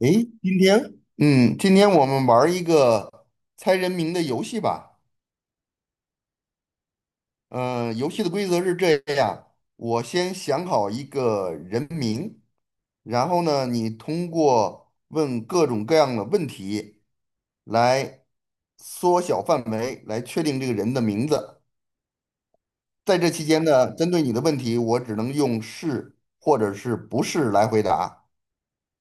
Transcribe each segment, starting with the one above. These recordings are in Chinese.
诶，今天，今天我们玩儿一个猜人名的游戏吧。嗯、游戏的规则是这样：我先想好一个人名，然后呢，你通过问各种各样的问题来缩小范围，来确定这个人的名字。在这期间呢，针对你的问题，我只能用是或者是不是来回答。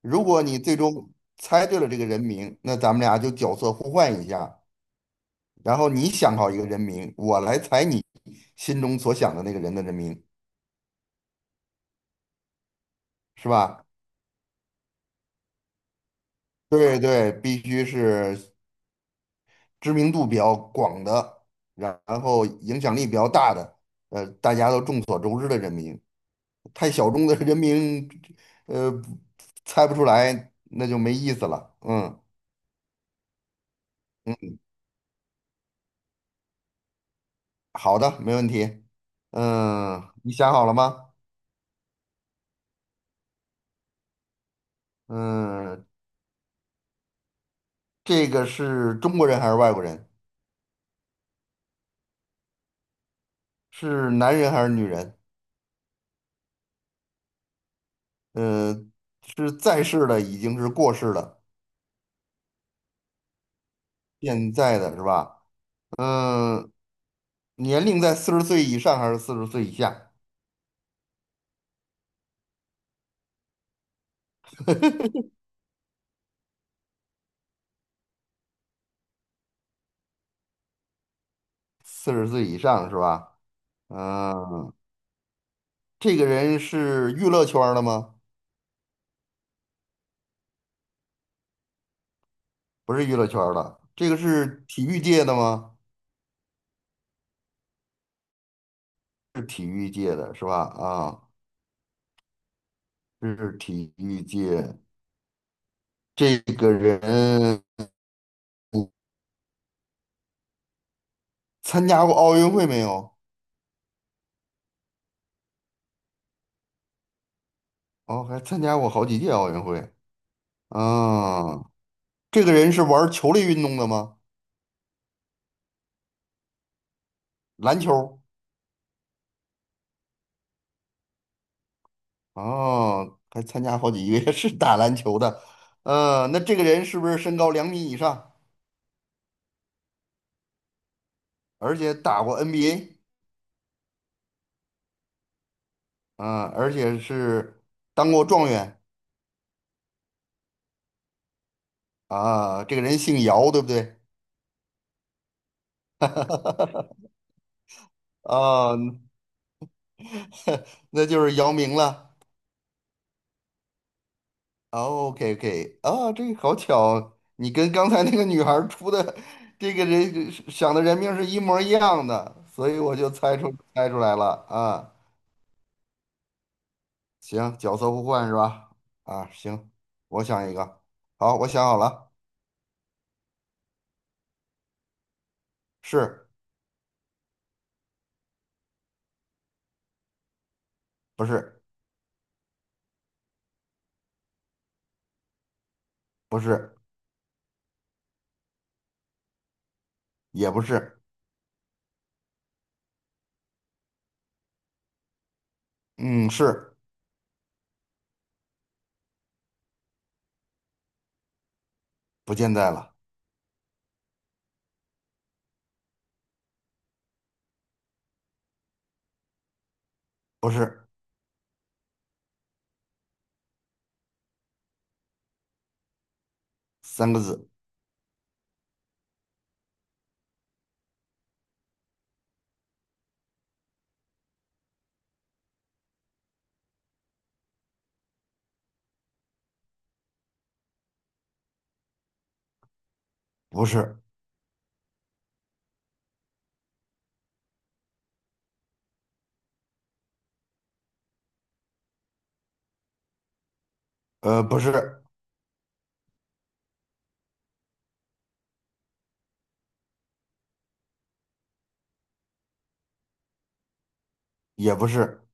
如果你最终猜对了这个人名，那咱们俩就角色互换一下。然后你想好一个人名，我来猜你心中所想的那个人的人名，是吧？对对，必须是知名度比较广的，然后影响力比较大的，大家都众所周知的人名。太小众的人名，呃，猜不出来，那就没意思了。嗯，好的，没问题。嗯，你想好了吗？嗯，这个是中国人还是外国人？是男人还是女人？嗯、是在世的已经是过世的，现在的是吧？嗯、年龄在四十岁以上还是四十岁以下？四十岁以上是吧？嗯、这个人是娱乐圈儿的吗？不是娱乐圈儿的，这个是体育界的吗？是体育界的是吧？啊，是体育界。这个人参加过奥运会没有？哦，还参加过好几届奥运会。啊，这个人是玩儿球类运动的吗？篮球哦，还参加好几个 是打篮球的，呃，那这个人是不是身高两米以上，而且打过 NBA 啊，而且是当过状元啊？这个人姓姚，对不对？啊，那就是姚明了。OK OK，啊，这个好巧，你跟刚才那个女孩儿出的这个人想的人名是一模一样的，所以我就猜出来了啊。行，角色互换是吧？啊，行，我想一个。好，我想好了，是不是？不是，也不是。嗯，是，不见在了，不是，三个字，不是，不是，也不是。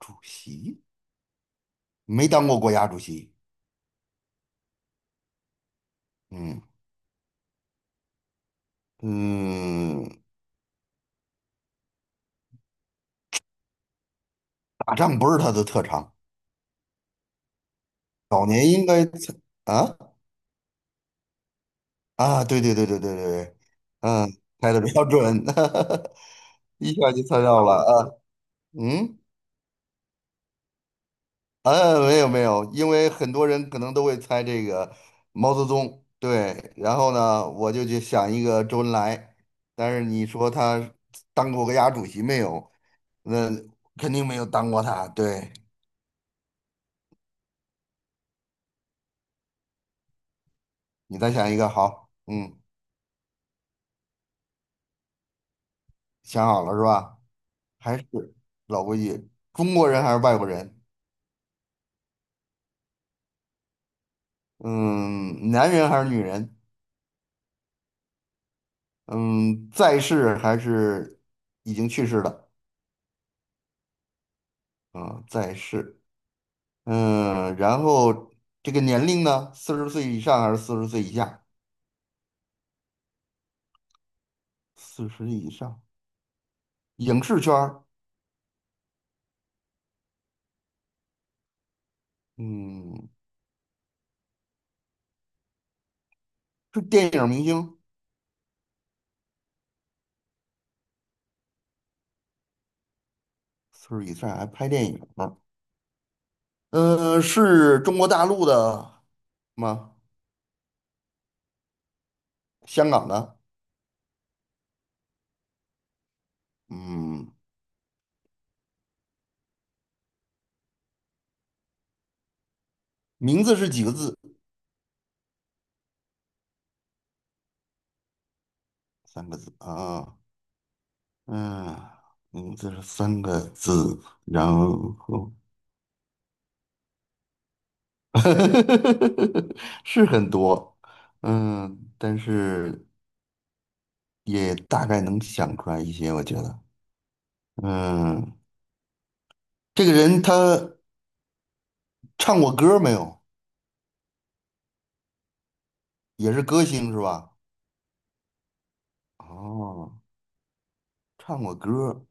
主席没当过国家主席。嗯嗯，打仗不是他的特长，早年应该曾啊啊，对对对对对对对，嗯，猜的比较准，一下就猜到了啊，嗯。嗯，没有没有，因为很多人可能都会猜这个毛泽东，对，然后呢，我就去想一个周恩来，但是你说他当过国家主席没有？那肯定没有当过他，对，你再想一个，好，嗯，想好了是吧？还是老规矩，中国人还是外国人？嗯，男人还是女人？嗯，在世还是已经去世的？嗯，在世。嗯，然后这个年龄呢，四十岁以上还是四十岁以下？四十以上，影视圈儿，嗯，是电影明星，四十以上还拍电影呢。嗯，是中国大陆的吗？香港的？嗯，名字是几个字？三个字啊，嗯，名字是三个字，然后 是很多，嗯，但是。也大概能想出来一些，我觉得。嗯，这个人他唱过歌没有？也是歌星是吧？哦，唱过歌。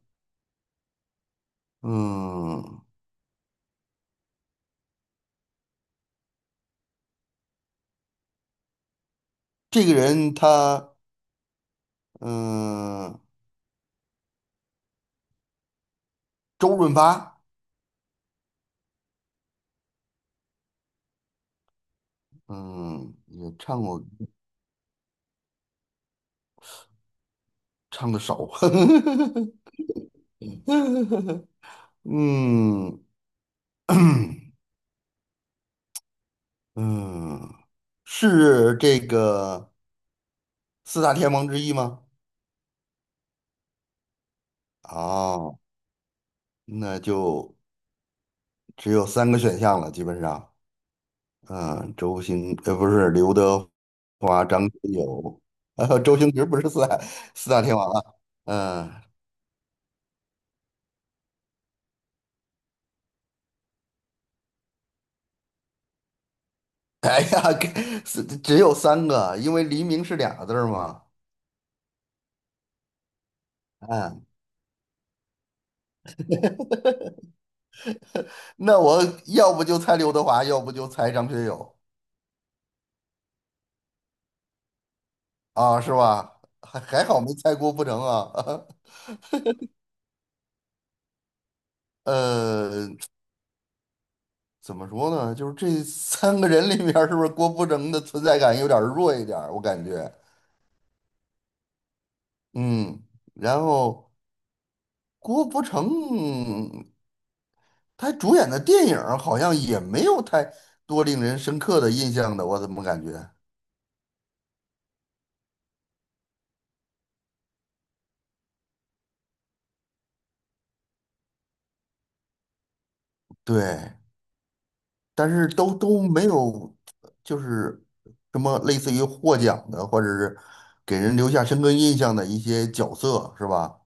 嗯，这个人他嗯，周润发，嗯，也唱过，唱的少。嗯 嗯，是这个四大天王之一吗？哦，那就只有三个选项了，基本上，嗯，不是刘德华、张学友，周星驰不是四大天王啊，嗯，哎呀，给是只有三个，因为黎明是俩字儿嘛，嗯，那我要不就猜刘德华，要不就猜张学友啊，是吧？还好没猜郭富城啊，呃，怎么说呢？就是这三个人里面，是不是郭富城的存在感有点儿弱一点儿？我感觉。嗯，然后郭富城他主演的电影儿好像也没有太多令人深刻的印象的，我怎么感觉？对，但是都没有，就是什么类似于获奖的，或者是给人留下深刻印象的一些角色，是吧？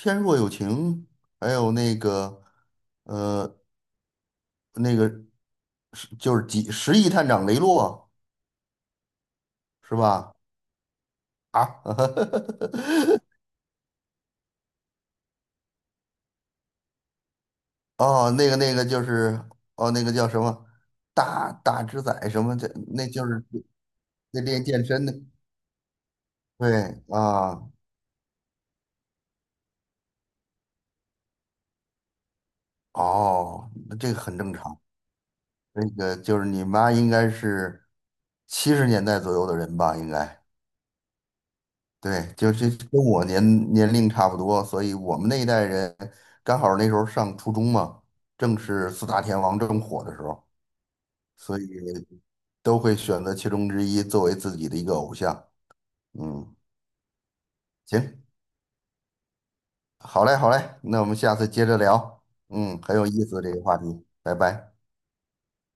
《天若有情》，还有那个呃那个是就是几《十亿探长雷洛》，是吧？啊，哦，那个就是哦，那个叫什么大只仔什么的，那就是那练健身的。对啊，哦，那这个很正常。那个就是你妈应该是七十年代左右的人吧，应该对，就是跟我年龄差不多，所以我们那一代人刚好那时候上初中嘛，正是四大天王正火的时候，所以都会选择其中之一作为自己的一个偶像。嗯，行。好嘞，好嘞，那我们下次接着聊。嗯，很有意思这个话题，拜拜。